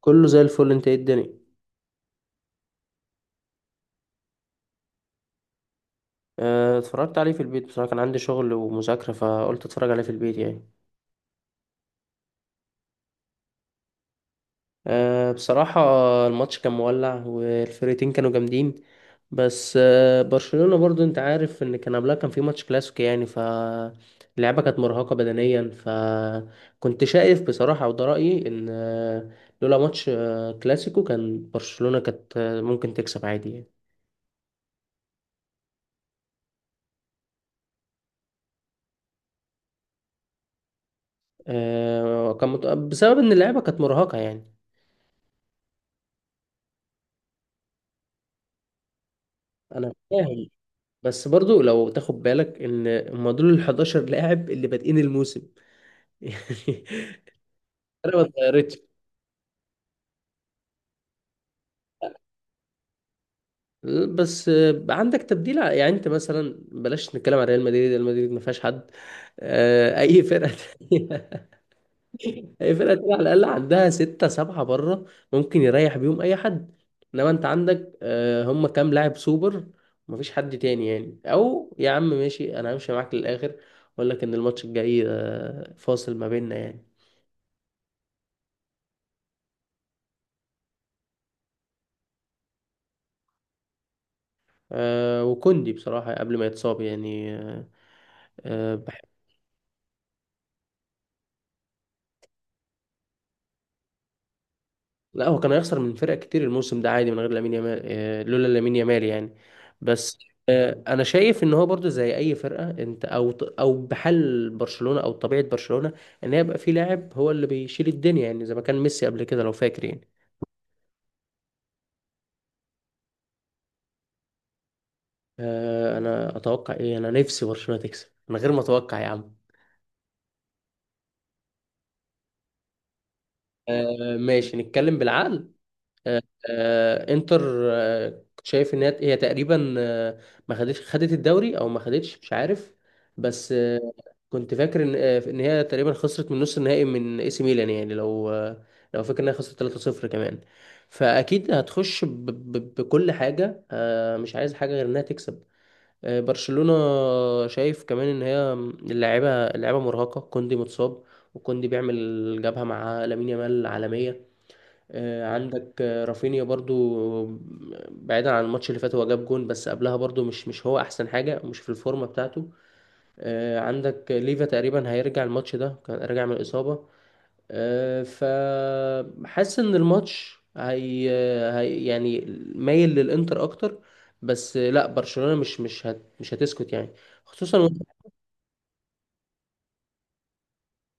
كله زي الفل، انت ايه الدنيا؟ اه، اتفرجت عليه في البيت، بصراحة كان عندي شغل ومذاكرة فقلت اتفرج عليه في البيت يعني. اه، بصراحة الماتش كان مولع والفرقتين كانوا جامدين. بس برشلونة برضو انت عارف ان كان قبلها كان في ماتش كلاسيكو يعني، فاللعبة كانت مرهقة بدنيا، فكنت شايف بصراحة وده رأيي ان لولا ماتش كلاسيكو كان برشلونة كانت ممكن تكسب عادي يعني. اه، بسبب ان اللعبة كانت مرهقة يعني. انا فاهم، بس برضو لو تاخد بالك ان هم دول ال 11 لاعب اللي بادئين الموسم يعني. انا ما اتغيرتش، بس عندك تبديل يعني انت مثلا بلاش نتكلم عن ريال مدريد ما فيهاش حد. اي فرقه تانية. اي فرقه تانية على الاقل عندها ستة سبعة بره، ممكن يريح بيهم اي حد، انما انت عندك هم كام لاعب سوبر، ما فيش حد تاني يعني. او يا عم ماشي، انا همشي معاك للاخر، اقول لك ان الماتش الجاي فاصل ما بيننا يعني. وكوندي بصراحة قبل ما يتصاب يعني بحب. لا هو كان هيخسر من فرق كتير الموسم ده عادي من غير لامين يامال، لولا لامين يامال يعني. بس انا شايف ان هو برضو زي اي فرقة انت، او بحال برشلونة طبيعة برشلونة، ان يبقى في لاعب هو اللي بيشيل الدنيا، يعني زي ما كان ميسي قبل كده لو فاكر يعني. انا اتوقع ايه؟ انا نفسي برشلونة تكسب من غير ما اتوقع يا عم. ماشي نتكلم بالعقل. آه، انتر، كنت شايف ان هي تقريبا، ما خدتش خدت الدوري او ما خدتش مش عارف، بس كنت فاكر ان ان هي تقريبا خسرت من نص النهائي من اي سي ميلان يعني، لو لو فاكر انها خسرت 3-0 كمان، فاكيد هتخش بكل حاجه، مش عايز حاجه غير انها تكسب، برشلونه. شايف كمان ان هي اللاعيبه مرهقه، كوندي متصاب، وكوندي بيعمل جبهه مع لامين يامال عالميه. عندك رافينيا برضو، بعيدا عن الماتش اللي فات هو جاب جون، بس قبلها برضو مش هو احسن حاجة، مش في الفورمة بتاعته. عندك ليفا تقريبا هيرجع، الماتش ده كان راجع من الإصابة. فحاسس ان الماتش هي يعني مايل للإنتر اكتر. بس لا برشلونة مش هتسكت يعني، خصوصا.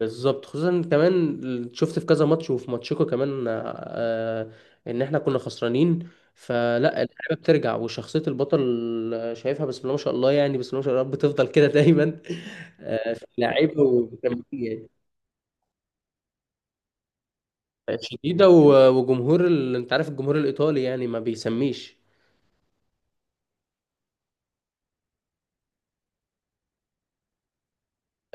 بالظبط، خصوصا كمان شفت في كذا ماتش وفي ماتشكو كمان آه، ان احنا كنا خسرانين، فلا. اللعيبه بترجع وشخصيه البطل، شايفها بسم الله ما شاء الله يعني، بسم الله ما شاء الله رب تفضل كده دايما. في اللعيبه ومكملين. يعني شديده وجمهور انت عارف الجمهور الايطالي يعني ما بيسميش.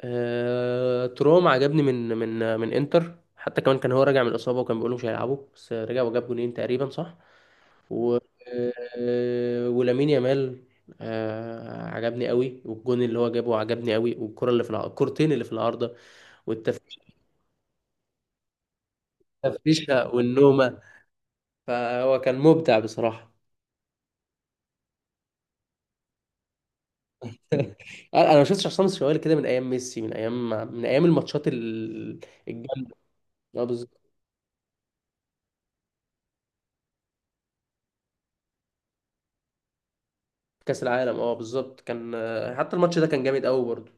تروم عجبني من انتر، حتى كمان كان هو راجع من الاصابه وكان بيقولوا مش هيلعبوا، بس رجع وجاب جونين تقريبا صح. و ولامين يامال عجبني قوي، والجون اللي هو جابه عجبني قوي، والكره اللي في الكرتين اللي في العارضه والتفريشه والنومه، فهو كان مبدع بصراحه. انا ما شفتش عصام الشوالي كده من ايام ميسي، من ايام، من ايام الماتشات الجامده. اه بالظبط. كاس العالم اه بالظبط كان حتى الماتش ده كان جامد قوي برضه.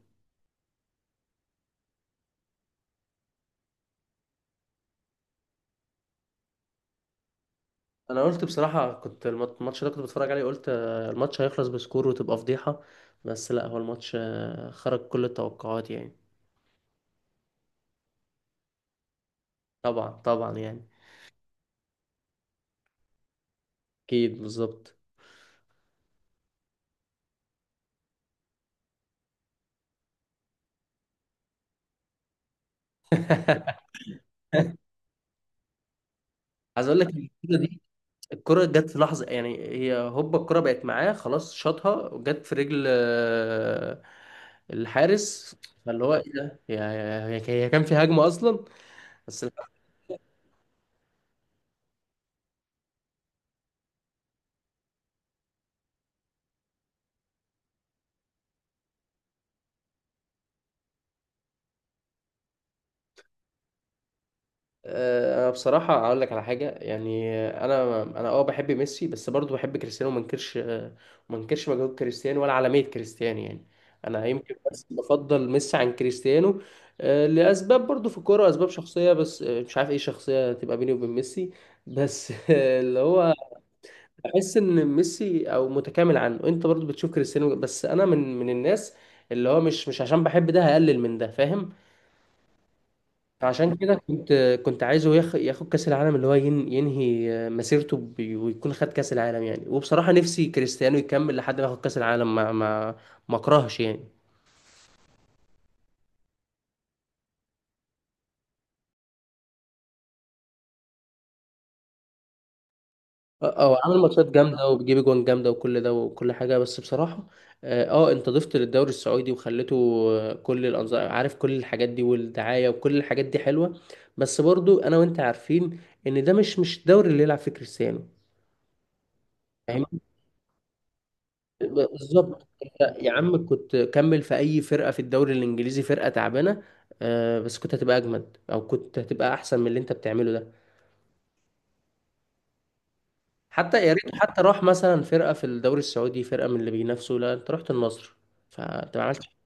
انا قلت بصراحه كنت الماتش ده كنت بتفرج عليه قلت الماتش هيخلص بسكور وتبقى فضيحه، بس لا هو الماتش خرج كل التوقعات يعني. طبعا طبعا يعني. اكيد بالظبط. عايز اقول لك الكره دي، الكره جت في لحظه يعني، هي هوبا الكره بقت معاه خلاص شاطها وجت في رجل الحارس، فاللي هو ايه ده، هي كان في هجمه اصلا بس. انا بصراحه اقول لك على حاجه يعني، انا اه بحب ميسي، بس برضو بحب كريستيانو وما انكرش، ما انكرش مجهود كريستيانو ولا عالميه كريستيانو يعني. انا يمكن بس بفضل ميسي عن كريستيانو، لاسباب برضو في الكوره، اسباب شخصيه بس مش عارف ايه شخصيه تبقى بيني وبين ميسي بس اللي هو بحس ان ميسي او متكامل عنه، انت برضو بتشوف كريستيانو، بس انا من الناس اللي هو مش عشان بحب ده هقلل من ده فاهم. فعشان كده كنت عايزه ياخد كأس العالم، اللي هو ينهي مسيرته ويكون خد كأس العالم يعني. وبصراحة نفسي كريستيانو يكمل لحد ما ياخد كأس العالم ما اكرهش يعني. اه هو عامل ماتشات جامدة وبيجيب اجوان جامدة وكل ده وكل حاجة، بس بصراحة اه انت ضفت للدوري السعودي وخليته كل الانظار، عارف كل الحاجات دي والدعاية وكل الحاجات دي حلوة، بس برضو انا وانت عارفين ان ده مش الدوري اللي يلعب فيه كريستيانو. بالظبط، أنت يا عم كنت كمل في اي فرقه في الدوري الانجليزي، فرقه تعبانه بس كنت هتبقى اجمد، او كنت هتبقى احسن من اللي انت بتعمله ده. حتى يا ريت حتى راح مثلا فرقه في الدوري السعودي، فرقه من اللي بينافسوا، لا انت رحت النصر، فانت ما عملتش.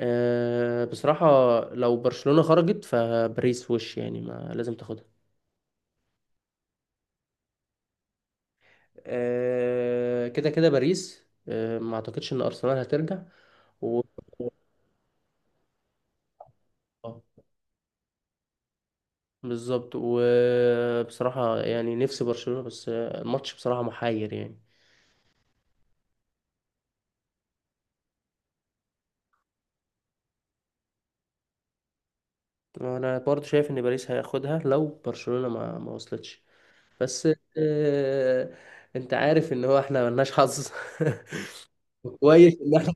بصراحه لو برشلونه خرجت، فباريس وش يعني، ما لازم تاخدها. كده كده باريس، ما اعتقدش ان ارسنال هترجع و... بالظبط. وبصراحة يعني نفسي برشلونة، بس الماتش بصراحة محير يعني. أنا برضو شايف إن باريس هياخدها لو برشلونة ما وصلتش، بس آه، أنت عارف إن هو إحنا ملناش حظ. كويس إن إحنا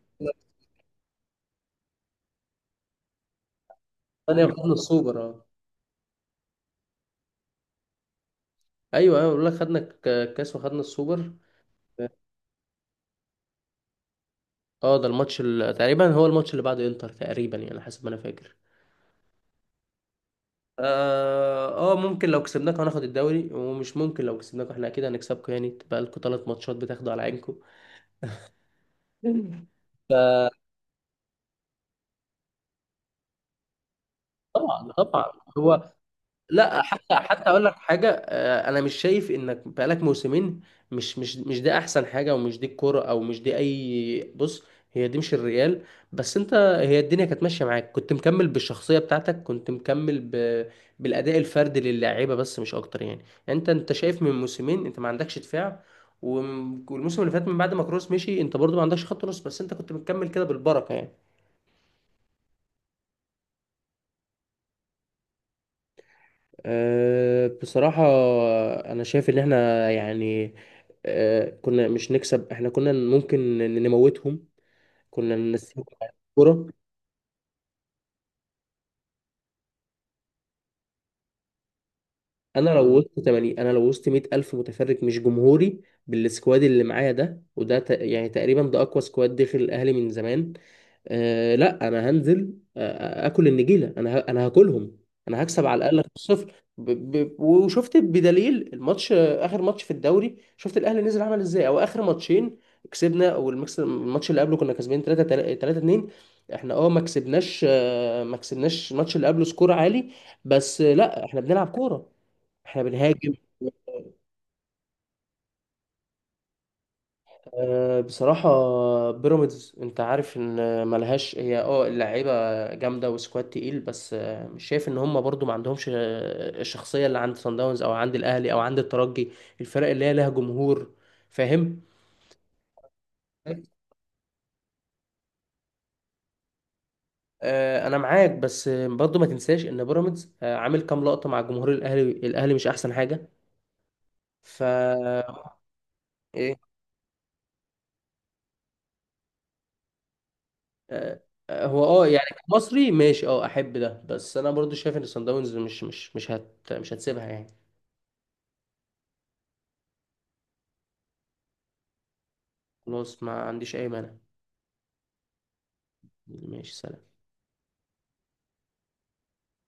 ثانية خدنا السوبر. أه أيوه أيوه، بقول لك خدنا الكاس وخدنا السوبر. أه ده الماتش تقريبا هو الماتش اللي بعد إنتر تقريبا يعني، حسب ما أنا فاكر. اه ممكن لو كسبناك هناخد الدوري، ومش ممكن لو كسبناك احنا اكيد هنكسبكم يعني، تبقى لكم ثلاث ماتشات بتاخدوا على عينكم فطبعا طبعا. هو لا حتى حتى اقول لك حاجه انا مش شايف انك بقالك موسمين، مش ده احسن حاجه، ومش دي الكوره، او مش دي اي، بص، هي دي مش الريال. بس انت، هي الدنيا كانت ماشيه معاك، كنت مكمل بالشخصيه بتاعتك، كنت مكمل بالاداء الفردي للاعيبه بس مش اكتر يعني. يعني انت شايف من موسمين انت ما عندكش دفاع، والموسم اللي فات من بعد ما كروس مشي انت برضو ما عندكش خط نص، بس انت كنت مكمل كده بالبركه يعني. أه، بصراحة أنا شايف إن إحنا يعني أه، كنا مش نكسب، إحنا كنا ممكن نموتهم، كنا ننسيهم على الكورة. انا لو وسط 80، انا لو وسط 100 الف متفرج مش جمهوري، بالسكواد اللي معايا ده وده يعني تقريبا ده اقوى سكواد داخل الاهلي من زمان. آه لا انا هنزل اكل النجيله، انا انا هاكلهم، انا هكسب على الاقل 5-0. وشفت بدليل الماتش اخر ماتش في الدوري، شفت الاهلي نزل عمل ازاي، او اخر ماتشين كسبنا، والمكس الماتش اللي قبله كنا كسبانين 3 3 2. احنا اه ما كسبناش ما كسبناش الماتش اللي قبله سكور عالي، بس لا احنا بنلعب كوره، احنا بنهاجم. بصراحة بيراميدز انت عارف ان ملهاش هي اه اللعيبة جامدة وسكواد تقيل، بس مش شايف ان هم برضو ما عندهمش الشخصية اللي عند صن داونز او عند الاهلي او عند الترجي، الفرق اللي هي لها جمهور، فاهم. انا معاك، بس برضو ما تنساش ان بيراميدز عامل كام لقطة مع جمهور الاهلي، الاهلي مش احسن حاجة، ف إيه. آه، هو اه يعني مصري ماشي، اه احب ده، بس انا برضو شايف ان صن داونز مش هتسيبها يعني. خلاص ما عنديش اي مانع. ماشي سلام.